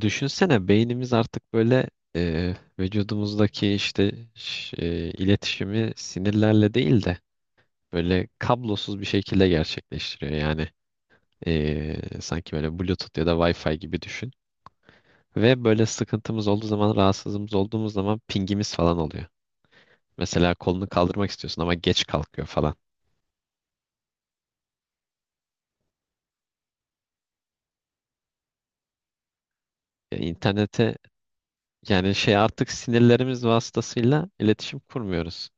Düşünsene beynimiz artık böyle vücudumuzdaki işte iletişimi sinirlerle değil de böyle kablosuz bir şekilde gerçekleştiriyor. Yani sanki böyle Bluetooth ya da Wi-Fi gibi düşün. Ve böyle sıkıntımız olduğu zaman, rahatsızlığımız olduğumuz zaman pingimiz falan oluyor. Mesela kolunu kaldırmak istiyorsun ama geç kalkıyor falan. Ya internete yani şey artık sinirlerimiz vasıtasıyla iletişim kurmuyoruz.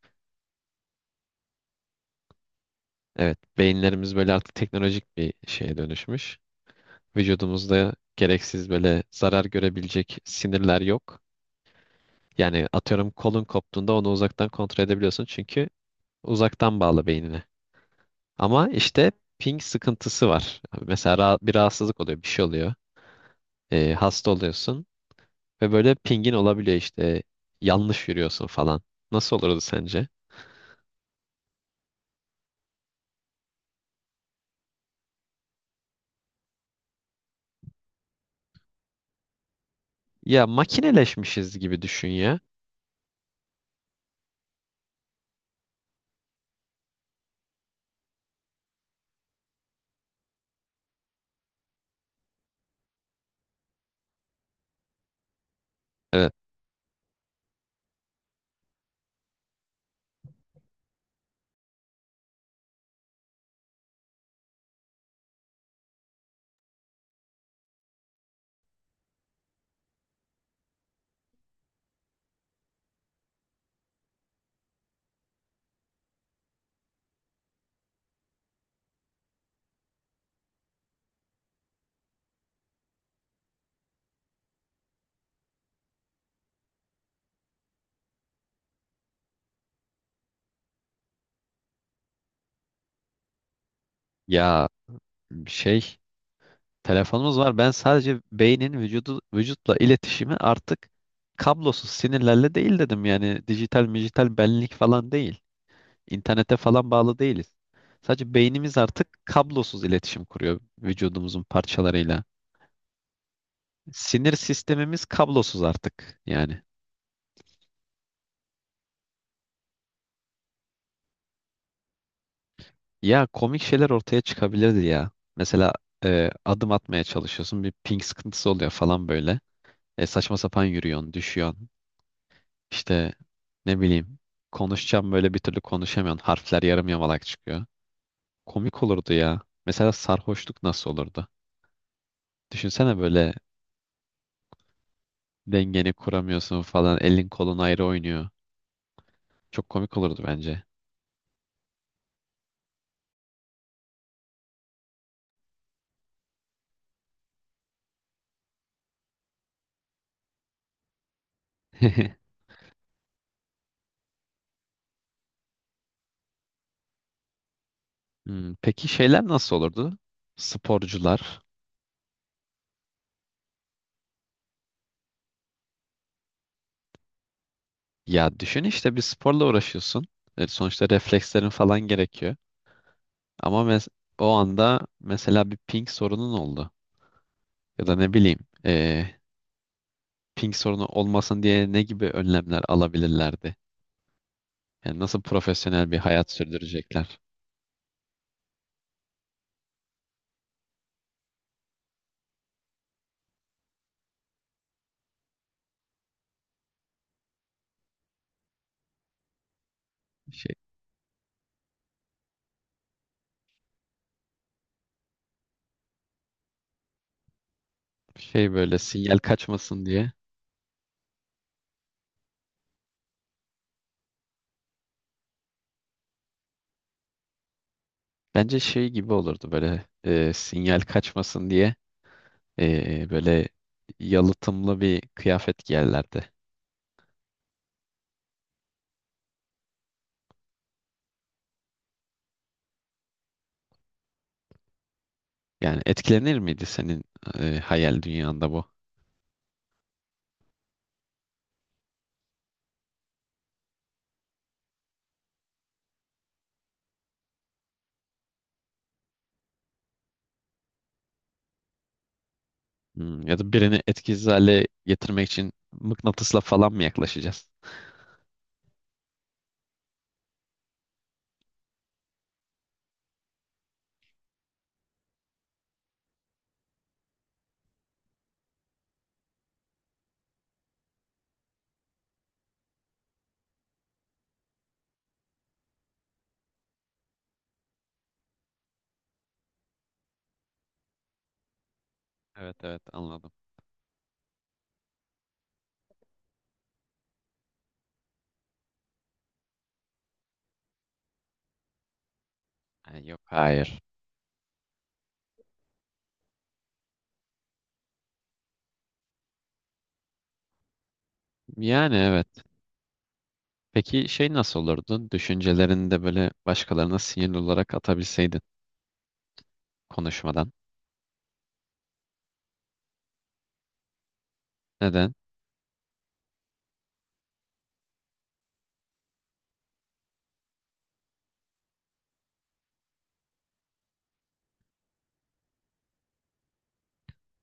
Evet, beyinlerimiz böyle artık teknolojik bir şeye dönüşmüş. Vücudumuzda gereksiz böyle zarar görebilecek sinirler yok. Yani atıyorum kolun koptuğunda onu uzaktan kontrol edebiliyorsun çünkü uzaktan bağlı beynine. Ama işte ping sıkıntısı var. Mesela bir rahatsızlık oluyor, bir şey oluyor. Hasta oluyorsun ve böyle pingin olabiliyor işte yanlış yürüyorsun falan. Nasıl olurdu sence? Ya makineleşmişiz gibi düşün ya. Evet. Ya şey, telefonumuz var. Ben sadece beynin vücudu, vücutla iletişimi artık kablosuz sinirlerle değil dedim. Yani dijital, dijital benlik falan değil. İnternete falan bağlı değiliz. Sadece beynimiz artık kablosuz iletişim kuruyor vücudumuzun parçalarıyla. Sinir sistemimiz kablosuz artık yani. Ya komik şeyler ortaya çıkabilirdi ya. Mesela adım atmaya çalışıyorsun bir ping sıkıntısı oluyor falan böyle. Saçma sapan yürüyorsun, düşüyorsun. İşte ne bileyim konuşacağım böyle bir türlü konuşamıyorsun. Harfler yarım yamalak çıkıyor. Komik olurdu ya. Mesela sarhoşluk nasıl olurdu? Düşünsene böyle dengeni kuramıyorsun falan. Elin kolun ayrı oynuyor. Çok komik olurdu bence. Hmm, peki şeyler nasıl olurdu? Sporcular. Ya düşün işte bir sporla uğraşıyorsun. Sonuçta reflekslerin falan gerekiyor. Ama o anda mesela bir ping sorunun oldu. Ya da ne bileyim, e, ping sorunu olmasın diye ne gibi önlemler alabilirlerdi? Yani nasıl profesyonel bir hayat sürdürecekler? Şey, şey, böyle sinyal kaçmasın diye. Bence şey gibi olurdu böyle, sinyal kaçmasın diye böyle yalıtımlı bir kıyafet giyerlerdi. Yani etkilenir miydi senin hayal dünyanda bu? Hmm, ya da birini etkisiz hale getirmek için mıknatısla falan mı yaklaşacağız? Evet, evet, anladım. Ha, yok hayır. Yani evet. Peki şey nasıl olurdu? Düşüncelerini de böyle başkalarına sinirli olarak atabilseydin konuşmadan. Neden?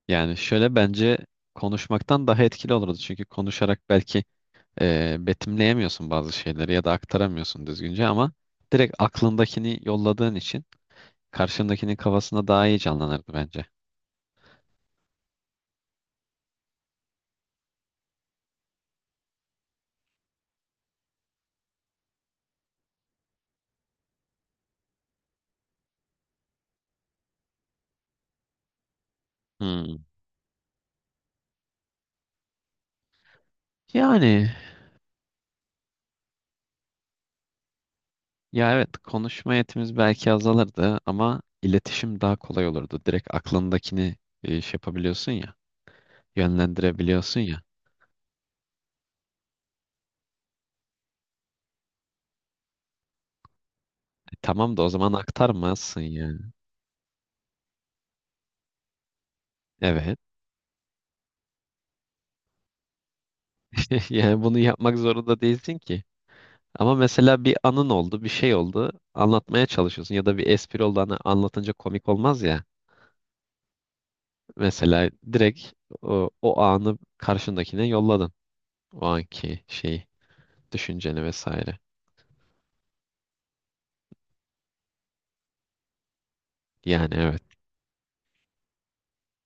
Yani şöyle bence konuşmaktan daha etkili olurdu. Çünkü konuşarak belki betimleyemiyorsun bazı şeyleri ya da aktaramıyorsun düzgünce ama direkt aklındakini yolladığın için karşındakinin kafasında daha iyi canlanırdı bence. Hmm. Yani ya evet konuşma yetimiz belki azalırdı ama iletişim daha kolay olurdu. Direkt aklındakini şey yapabiliyorsun ya, yönlendirebiliyorsun ya. Tamam da o zaman aktarmazsın yani. Evet. Yani bunu yapmak zorunda değilsin ki. Ama mesela bir anın oldu, bir şey oldu, anlatmaya çalışıyorsun ya da bir espri oldu hani anlatınca komik olmaz ya. Mesela direkt o anı karşındakine yolladın. O anki şeyi, düşünceni vesaire. Yani evet.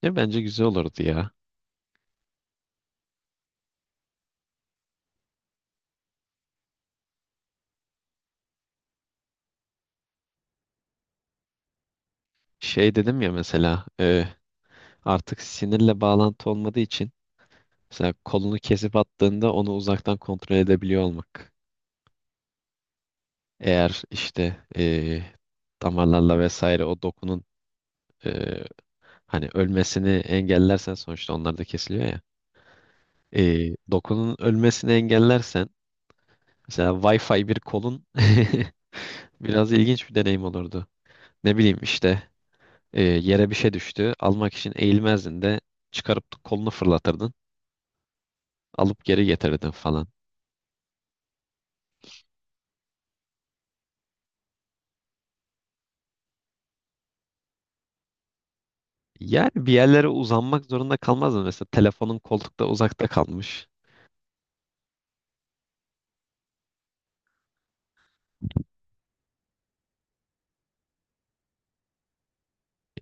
Ya bence güzel olurdu ya. Şey dedim ya mesela, artık sinirle bağlantı olmadığı için mesela kolunu kesip attığında onu uzaktan kontrol edebiliyor olmak. Eğer işte damarlarla vesaire o dokunun eee, hani ölmesini engellersen sonuçta onlar da kesiliyor ya. Dokunun ölmesini engellersen mesela Wi-Fi bir kolun biraz ilginç bir deneyim olurdu. Ne bileyim işte yere bir şey düştü almak için eğilmezdin de çıkarıp kolunu fırlatırdın alıp geri getirirdin falan. Yani bir yerlere uzanmak zorunda kalmazdın mesela telefonun koltukta uzakta kalmış.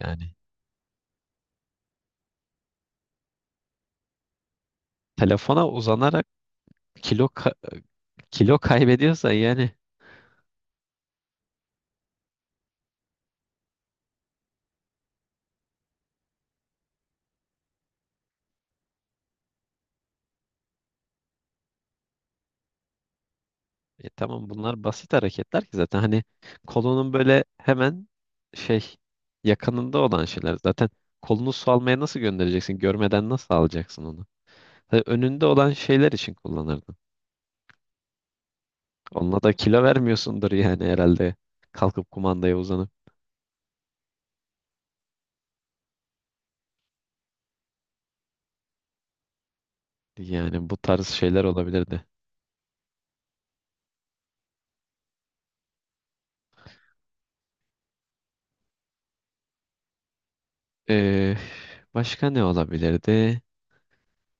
Yani telefona uzanarak kilo kilo kaybediyorsa yani, tamam bunlar basit hareketler ki zaten hani kolunun böyle hemen şey yakınında olan şeyler zaten, kolunu su almaya nasıl göndereceksin, görmeden nasıl alacaksın onu? Tabii önünde olan şeyler için kullanırdın, onunla da kilo vermiyorsundur yani herhalde, kalkıp kumandaya uzanıp. Yani bu tarz şeyler olabilirdi. Ee, Başka ne olabilirdi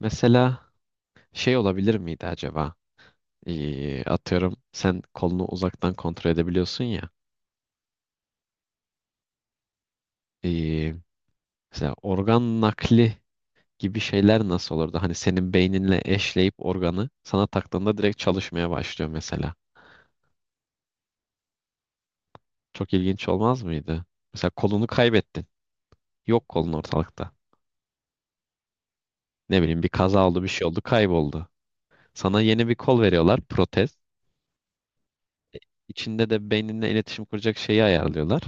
mesela, şey olabilir miydi acaba? Atıyorum sen kolunu uzaktan kontrol edebiliyorsun ya. Ee, Mesela organ nakli gibi şeyler nasıl olurdu? Hani senin beyninle eşleyip organı sana taktığında direkt çalışmaya başlıyor mesela. Çok ilginç olmaz mıydı? Mesela kolunu kaybettin. Yok, kolun ortalıkta. Ne bileyim bir kaza oldu, bir şey oldu, kayboldu. Sana yeni bir kol veriyorlar, protez. İçinde de beyninle iletişim kuracak şeyi ayarlıyorlar.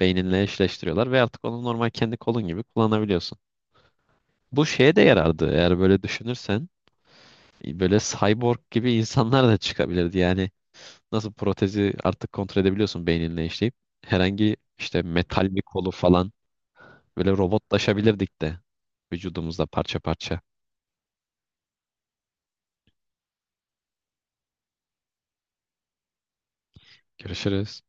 Beyninle eşleştiriyorlar ve artık onu normal kendi kolun gibi kullanabiliyorsun. Bu şeye de yarardı eğer böyle düşünürsen. Böyle cyborg gibi insanlar da çıkabilirdi yani. Nasıl protezi artık kontrol edebiliyorsun beyninle işleyip. Herhangi işte metal bir kolu falan böyle robotlaşabilirdik de vücudumuzda parça parça. Görüşürüz.